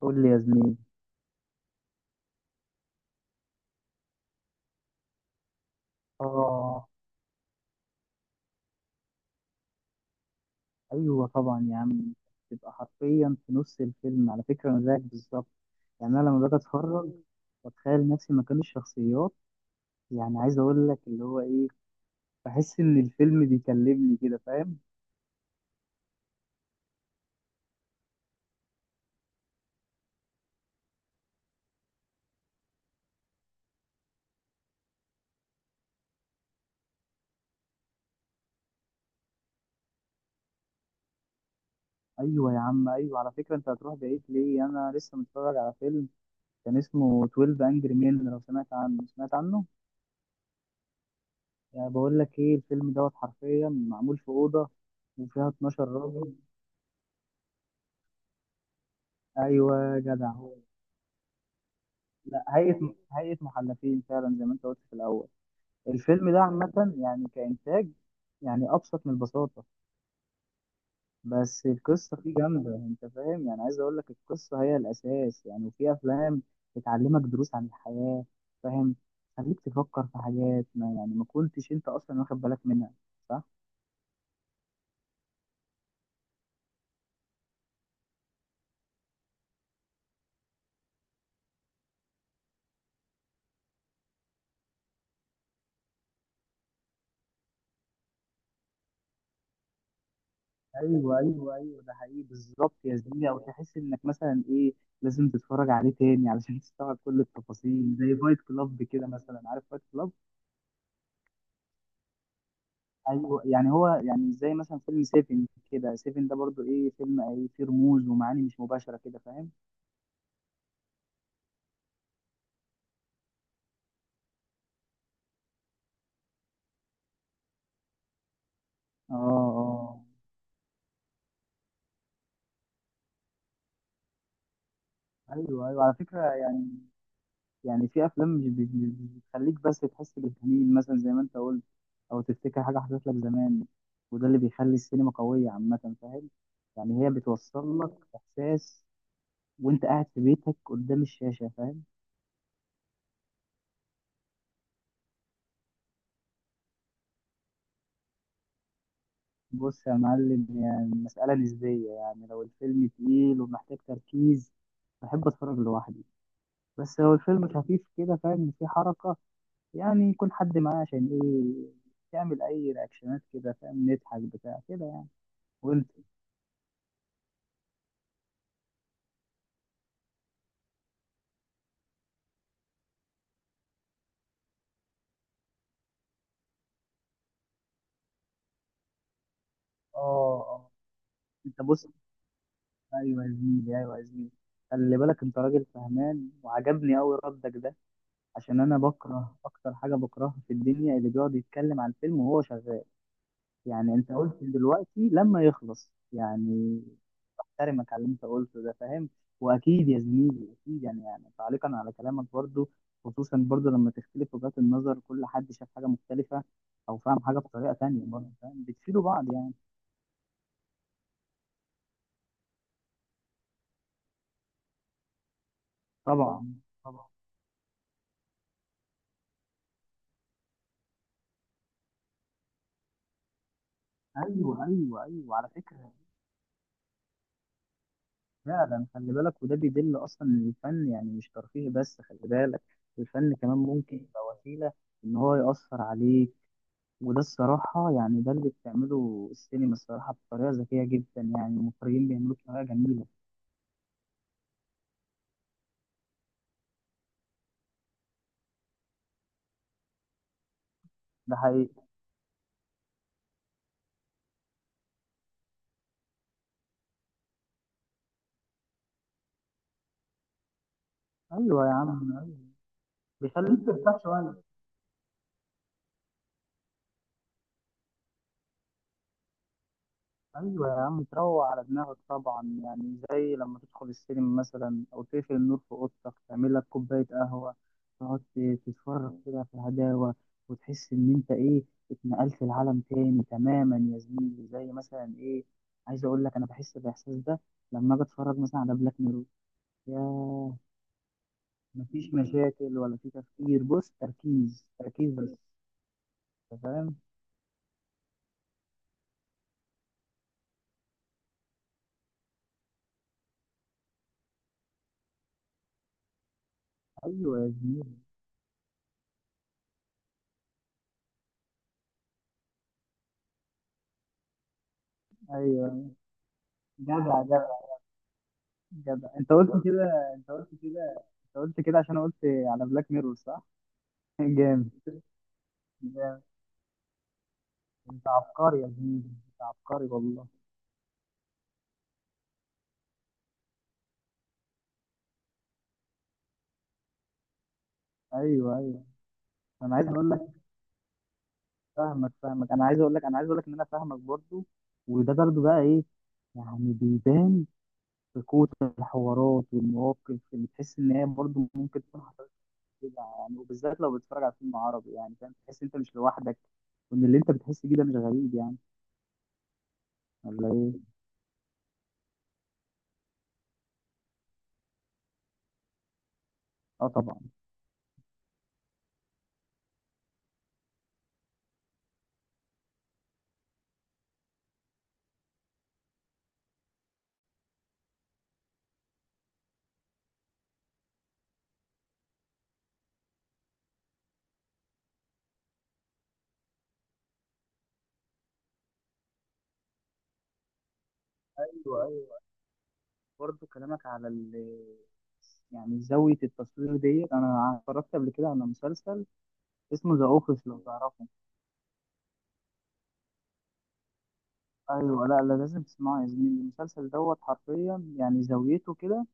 قول لي يا زميلي. اه. ايوه طبعا يا عم. تبقى حرفيا في نص الفيلم، على فكره انا زيك بالظبط. يعني انا لما باجي اتفرج، بتخيل نفسي مكان الشخصيات. يعني عايز اقول لك اللي هو ايه، بحس ان الفيلم بيكلمني كده، فاهم. ايوه يا عم، ايوه على فكره، انت هتروح بعيد ليه؟ انا لسه متفرج على فيلم كان اسمه 12 انجري مان، لو سمعت عنه سمعت عنه. يعني بقول لك ايه، الفيلم دوت حرفيا معمول في اوضه وفيها 12 راجل. ايوه يا جدع. لا، هيئة محلفين فعلا، زي ما انت قلت في الأول. الفيلم ده عامة يعني كإنتاج، يعني أبسط من البساطة. بس القصة فيه جامدة، أنت فاهم، يعني عايز أقول لك القصة هي الأساس يعني. وفي أفلام بتعلمك دروس عن الحياة، فاهم. خليك تفكر في حاجات ما كنتش أنت أصلا واخد بالك منها، صح؟ ايوه ايوه ايوه، ده حقيقي بالظبط يا زميلي. أو تحس إنك مثلا إيه، لازم تتفرج عليه تاني علشان تستوعب كل التفاصيل، زي فايت كلاب كده مثلا، عارف فايت كلاب؟ ايوه. يعني هو يعني زي مثلا فيلم سيفن كده، سيفن ده برضو ايه، فيلم ايه، فيه رموز ومعاني مش مباشره كده، فاهم. اه، اه. ايوه ايوه على فكره يعني. يعني في افلام مش بتخليك بس تحس بالحنين مثلا، زي ما انت قلت. او تفتكر حاجه حصلت لك زمان، وده اللي بيخلي السينما قويه عامه، فاهم. يعني هي بتوصل لك احساس وانت قاعد في بيتك قدام الشاشه، فاهم. بص يا معلم، يعني المسألة نسبية. يعني لو الفيلم تقيل ومحتاج تركيز، بحب أتفرج لوحدي. بس لو الفيلم خفيف كده، فاهم، إن فيه حركة، يعني يكون حد معاه عشان إيه، تعمل أي رياكشنات كده، فاهم، نضحك بتاع كده يعني. وأنت؟ آه، آه. أنت بص، أيوه يا زميلي أيوه يا زميلي، خلي بالك أنت راجل فهمان، وعجبني أوي ردك ده. عشان أنا بكره أكتر حاجة بكرهها في الدنيا اللي بيقعد يتكلم عن الفيلم وهو شغال. يعني انت قلت دلوقتي لما يخلص، يعني احترمك على اللي انت قلته ده، فاهم. واكيد يا زميلي اكيد، يعني تعليقا على كلامك برضو، خصوصا برضو لما تختلف وجهات النظر، كل حد شاف حاجة مختلفة او فاهم حاجة بطريقة تانية، برضو فاهم بتفيدوا بعض يعني. طبعا، طبعا. ايوه ايوه ايوه على فكرة. فعلا خلي بالك، وده بيدل اصلا ان الفن يعني مش ترفيه بس. خلي بالك، الفن كمان ممكن يبقى وسيلة ان هو يأثر عليك. وده الصراحة يعني ده اللي بتعمله السينما الصراحة، بطريقة ذكية جدا، يعني المخرجين بيعملوه بطريقة جميلة. ده حقيقي. أيوة يا عم أيوة. بيخليك ترتاح شوية. أيوة يا عم، تروق على دماغك طبعا، يعني زي لما تدخل السينما مثلا أو تقفل النور في أوضتك، تعمل لك كوباية قهوة، تقعد تتفرج كده في الهداوة. وتحس إن أنت إيه، اتنقلت لعالم تاني تماما يا زميلي، زي مثلا إيه، عايز أقول لك أنا بحس بالإحساس ده لما أجي أتفرج مثلا على بلاك ميرور. ياه. مفيش مشاكل ولا في تفكير، بص، تركيز تركيز بس. انت فاهم. ايوه يا زميلي، ايوه. جدع، جدع، جدع، انت قلت كده انت قلت كده انت قلت كده عشان قلت على بلاك ميرور، صح؟ جامد، جامد. انت عبقري يا زميلي، انت عبقري والله. ايوه، ايوه. انا عايز اقول لك، فاهمك، فاهمك. انا عايز اقول لك ان انا فاهمك برضو. وده برضو بقى ايه، يعني بيبان في قوة الحوارات والمواقف، اللي تحس ان هي برضو ممكن تكون كده يعني. وبالذات لو بتتفرج على فيلم عربي، يعني فاهم، تحس انت مش لوحدك، وان اللي انت بتحس بيه ده مش غريب يعني، ولا ايه؟ اه طبعا. ايوه، ايوه. برضه كلامك على يعني زاويه التصوير ديت، انا اتفرجت قبل كده على مسلسل اسمه ذا اوفيس، لو تعرفه. ايوه. لا، لا، لازم تسمعه يا زميلي. المسلسل دوت حرفيا يعني زاويته كده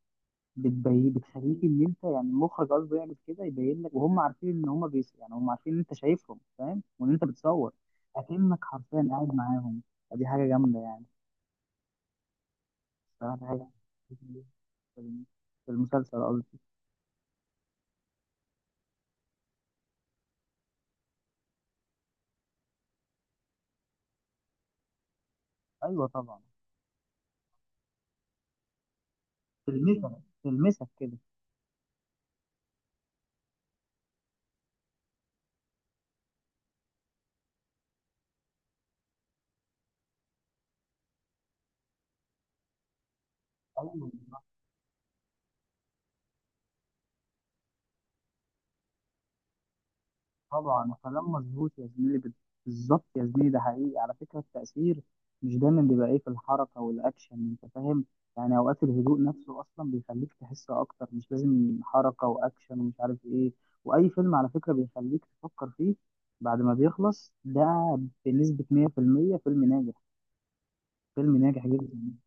بتبين، بتخليك ان انت يعني المخرج قصده يعمل كده، يبين لك وهم عارفين ان هم بيس، يعني هم عارفين ان انت شايفهم فاهم، وان انت بتصور اكنك حرفيا قاعد معاهم. دي حاجه جامده يعني. بصراحه دي حاجه في الم- في المسلسل قصدي. ايوه طبعا. تلمسك، تلمسك كده. ايوه طبعا. كلام مظبوط يا زميلي، بالظبط يا زميلي. ده حقيقي على فكرة، التأثير مش دايما بيبقى ايه في الحركة والأكشن، أنت فاهم. يعني أوقات الهدوء نفسه أصلا بيخليك تحس أكتر، مش لازم حركة وأكشن ومش عارف ايه. وأي فيلم على فكرة بيخليك تفكر فيه بعد ما بيخلص، ده بنسبة 100% فيلم ناجح، فيلم ناجح جدا.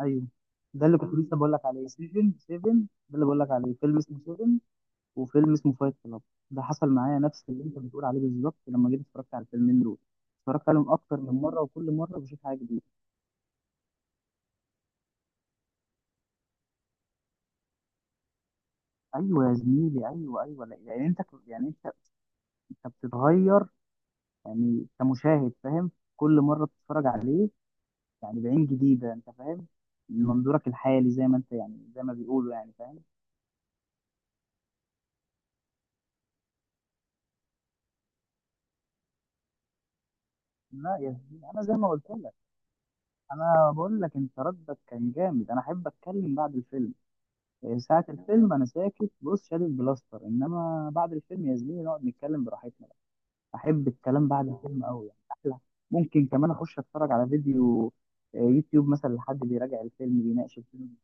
أيوه، ده اللي كنت لسه بقول لك عليه 7 7. ده اللي بقول لك عليه فيلم اسمه 7، وفيلم اسمه فايت كلاب. ده حصل معايا نفس اللي انت بتقول عليه بالظبط، لما جيت اتفرجت على الفيلمين دول. اتفرجت عليهم اكتر من مره، وكل مره بشوف حاجه جديده. ايوه يا زميلي، ايوه، ايوه. يعني انت انت بتتغير، يعني كمشاهد فاهم، كل مره بتتفرج عليه يعني بعين جديده، انت فاهم، من منظورك الحالي، زي ما انت يعني زي ما بيقولوا يعني، فاهم. لا يا زميلي، انا زي ما قلت لك، انا بقول لك انت ردك كان جامد. انا احب اتكلم بعد الفيلم. ساعة الفيلم أنا ساكت، بص شادد بلاستر، إنما بعد الفيلم يا زميلي نقعد نتكلم براحتنا بقى. أحب الكلام بعد الفيلم أوي، يعني أحلى. ممكن كمان أخش أتفرج على فيديو، يوتيوب مثلا، لحد بيراجع الفيلم بيناقش الفيلم.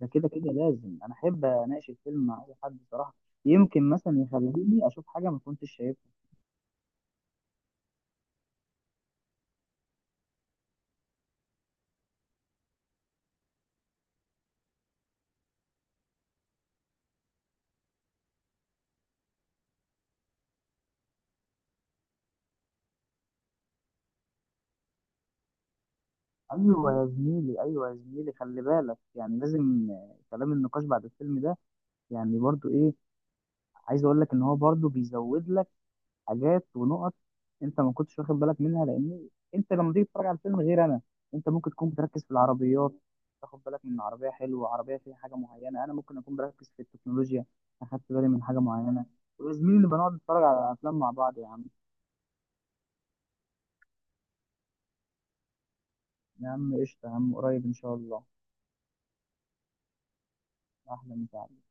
ده كده كده لازم، أنا أحب أناقش الفيلم مع أي حد صراحة. يمكن مثلا يخليني أشوف حاجة ما كنتش شايفها. أيوة يا زميلي، أيوة يا زميلي، خلي بالك يعني لازم، كلام النقاش بعد الفيلم ده يعني برضو إيه، عايز أقول لك إن هو برضو بيزود لك حاجات ونقط انت ما كنتش واخد بالك منها. لان انت لما تيجي تتفرج على الفيلم غير انا، انت ممكن تكون بتركز في العربيات، تاخد بالك من عربيه حلوه، عربيه فيها حاجه معينه. انا ممكن اكون بركز في التكنولوجيا، اخدت بالي من حاجه معينه. ويا زميلي نبقى نقعد نتفرج على افلام مع بعض يا عم. يا عم قشطه يا عم، قريب ان شاء الله. احلى مساعدة.